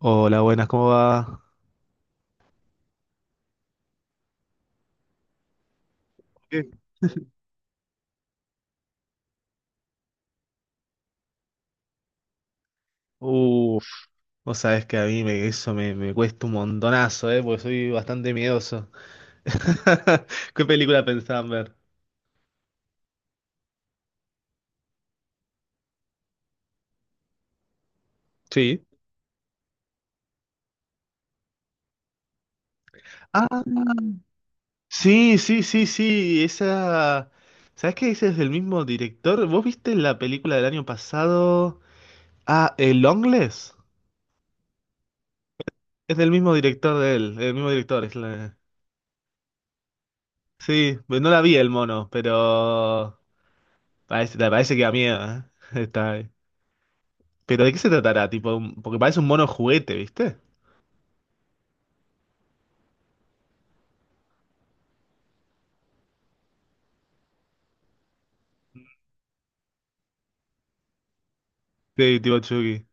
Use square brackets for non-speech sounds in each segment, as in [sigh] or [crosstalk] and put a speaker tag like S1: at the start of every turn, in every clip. S1: Hola, buenas, ¿cómo va? Bien. Uf, vos sabés que a mí me, cuesta un montonazo, ¿eh? Porque soy bastante miedoso. [laughs] ¿Qué película pensaban ver? Sí. Ah, sí, sí, sí, sí, esa... ¿Sabés que ese es del mismo director? ¿Vos viste la película del año pasado? Ah, ¿El Longlegs? Es del mismo director de él, el mismo director. Es la- Sí, no la vi el mono, pero parece que da miedo, ¿eh? [laughs] Está... ahí. ¿Pero de qué se tratará? Tipo, un- porque parece un mono juguete, ¿viste? Sí, tipo Chucky.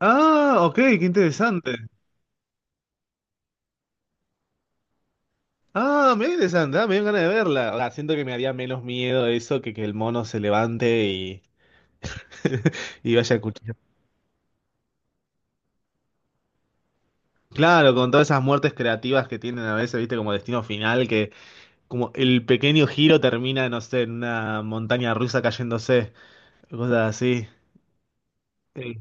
S1: Ah, ok, qué interesante. Ah, me interesante, ah, me dio ganas de verla. O sea, siento que me haría menos miedo eso que el mono se levante y, [laughs] y vaya a cuchillo. Claro, con todas esas muertes creativas que tienen a veces, viste, como destino final, que como el pequeño giro termina, no sé, en una montaña rusa cayéndose, cosas así. Eh,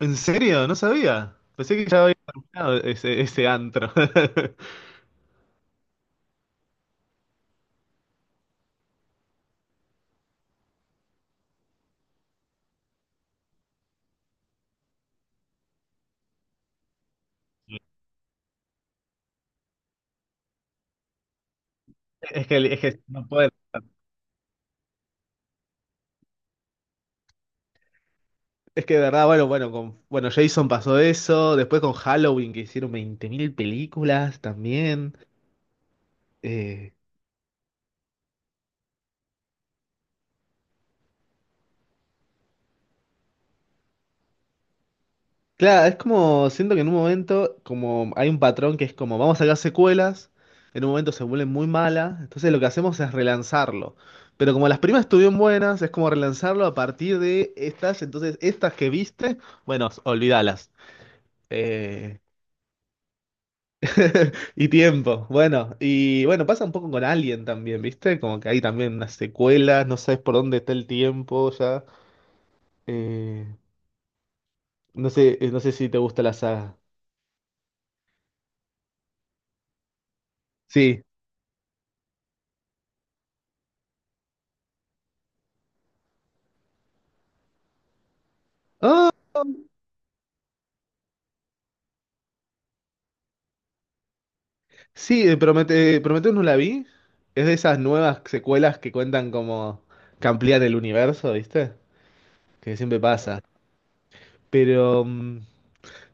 S1: ¿En serio? No sabía. Pensé que ya había terminado ese antro. [laughs] Es que no puede. Es que de verdad, bueno, bueno, bueno, Jason pasó eso, después con Halloween que hicieron 20.000 películas también. Eh, claro, es como, siento que en un momento, como hay un patrón que es como, vamos a sacar secuelas, en un momento se vuelven muy malas, entonces lo que hacemos es relanzarlo. Pero como las primas estuvieron buenas, es como relanzarlo a partir de estas, entonces estas que viste, bueno, olvídalas. Eh, [laughs] y tiempo, bueno, y bueno, pasa un poco con Alien también, ¿viste? Como que hay también unas secuelas, no sabes por dónde está el tiempo ya. Eh, no sé, no sé si te gusta la saga. Sí, sí, Prometheus no la vi. Es de esas nuevas secuelas que cuentan como que amplían el universo, ¿viste? Que siempre pasa. Pero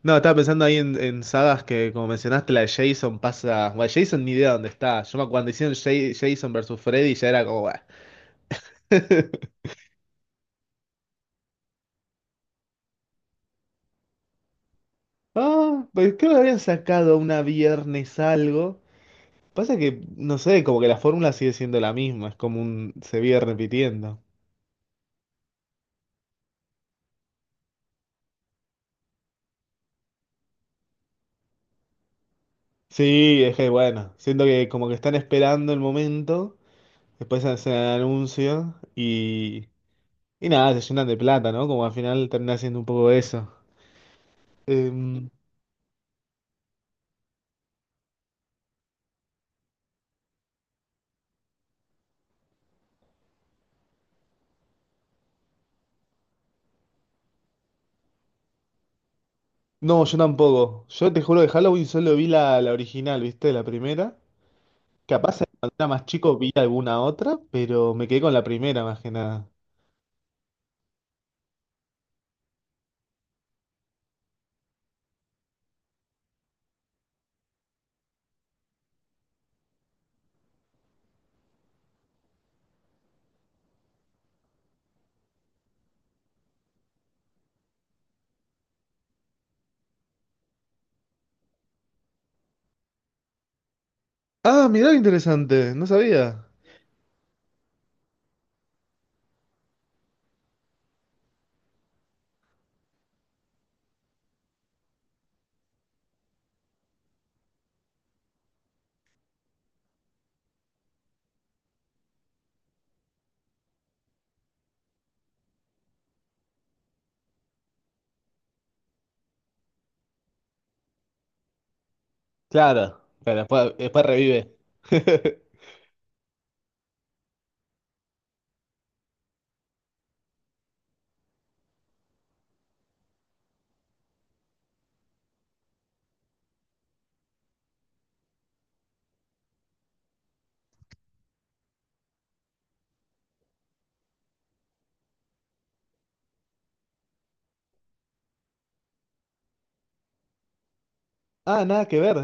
S1: no, estaba pensando ahí en sagas que, como mencionaste, la de Jason pasa. Bueno, Jason ni idea dónde está. Yo me acuerdo cuando hicieron Jason versus Freddy ya era como. "Buah, Ah, pues creo que habían sacado una viernes algo. Pasa que, no sé, como que la fórmula sigue siendo la misma, es como un, se viene repitiendo. Sí, es que bueno, siento que como que están esperando el momento, después hacen el anuncio y nada, se llenan de plata, ¿no? Como al final termina siendo un poco eso. Em, no, yo tampoco. Yo te juro que Halloween solo vi la original, ¿viste? La primera. Capaz cuando era más chico vi alguna otra, pero me quedé con la primera más que nada. Ah, mirá, qué interesante, no sabía. Claro, pero después, después revive. [laughs] Ah, nada que ver.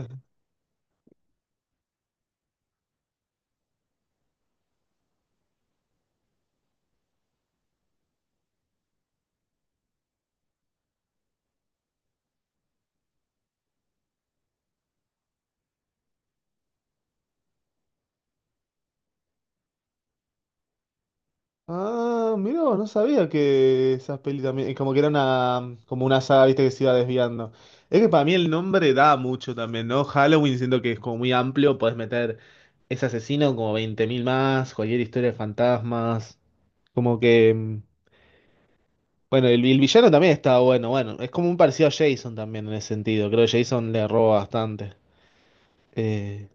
S1: Ah, mirá, vos, no sabía que esas pelis también, como que era una, como una saga, viste, que se iba desviando. Es que para mí el nombre da mucho también, ¿no? Halloween siento que es como muy amplio, podés meter ese asesino como 20.000 más, cualquier historia de fantasmas, como que, bueno, el villano también está bueno, bueno, es como un parecido a Jason también en ese sentido, creo que Jason le roba bastante. Eh,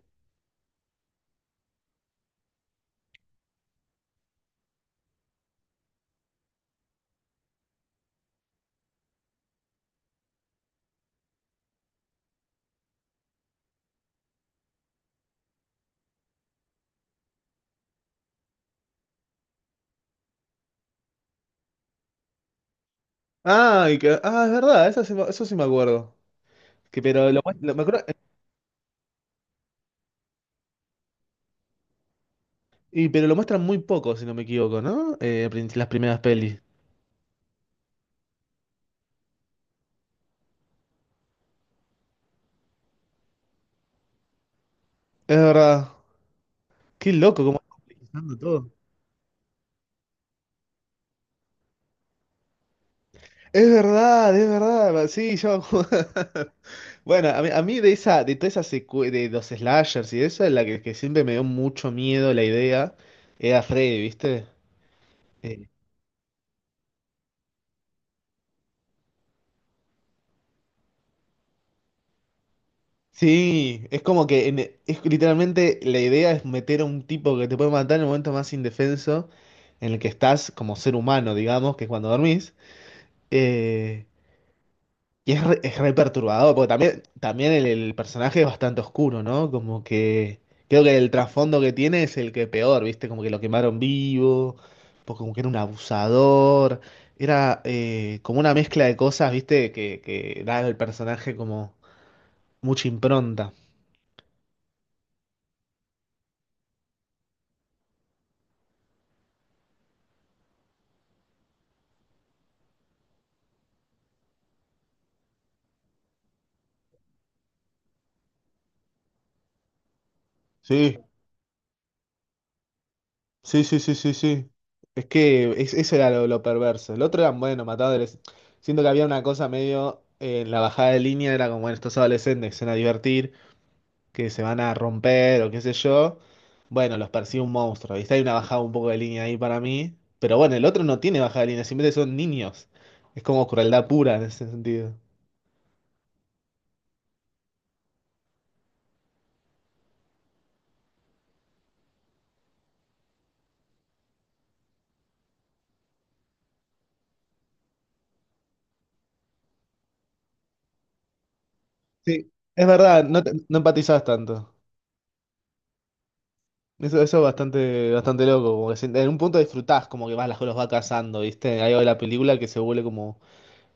S1: Ah, es verdad, eso sí, eso sí me acuerdo. Que, pero, lo, muest- lo- me acuerdo- y, pero lo muestran muy poco, si no me equivoco, ¿no? Las primeras pelis. Es verdad. Qué loco, cómo están utilizando todo. Es verdad, es verdad. Sí, yo me acuerdo. [laughs] Bueno, a mí de esa, de toda esa de los slashers y eso, es la que siempre me dio mucho miedo la idea, era Freddy, ¿viste? Eh, Sí, es como que es literalmente la idea es meter a un tipo que te puede matar en el momento más indefenso en el que estás como ser humano, digamos, que es cuando dormís. Eh, y es re perturbador, porque también, también el personaje es bastante oscuro, ¿no? Como que creo que el trasfondo que tiene es el que peor, ¿viste? Como que lo quemaron vivo, porque como que era un abusador, era como una mezcla de cosas, ¿viste? Que da al personaje como mucha impronta. Sí. Sí, sí, sí, sí, sí. Es que eso era lo perverso. El otro era, bueno, matadores. Siento que había una cosa medio en la bajada de línea, era como, bueno, estos adolescentes que se van a divertir, que se van a romper o qué sé yo. Bueno, los persigue un monstruo. ¿Viste? Hay una bajada un poco de línea ahí para mí. Pero bueno, el otro no tiene bajada de línea, simplemente son niños. Es como crueldad pura en ese sentido. Sí, es verdad, no, no empatizás tanto. Eso es bastante, bastante loco, como que en un punto disfrutás, como que vas, los va cazando, ¿viste? Hay algo de la película que se vuelve como,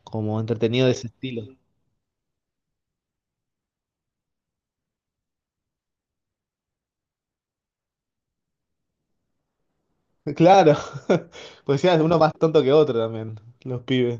S1: como entretenido de ese estilo. [laughs] Claro, [laughs] pues ya, uno más tonto que otro también, los pibes.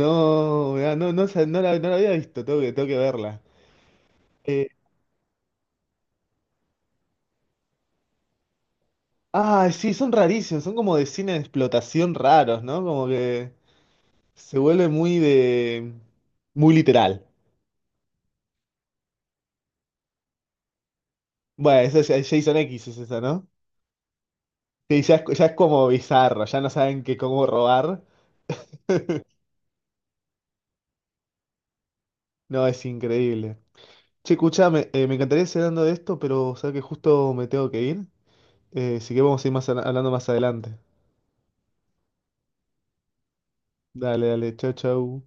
S1: No, mirá, no la había visto, tengo que verla. Eh, ah, sí, son rarísimos, son como de cine de explotación raros, ¿no? Como que se vuelve muy de... muy literal. Bueno, eso es Jason X es eso, ¿no? Sí, ya es como bizarro, ya no saben que cómo robar. No, es increíble. Che, escuchame, me encantaría seguir hablando de esto, pero sabes que justo me tengo que ir. Así que vamos a ir más, hablando más adelante. Dale, dale, chau, chau.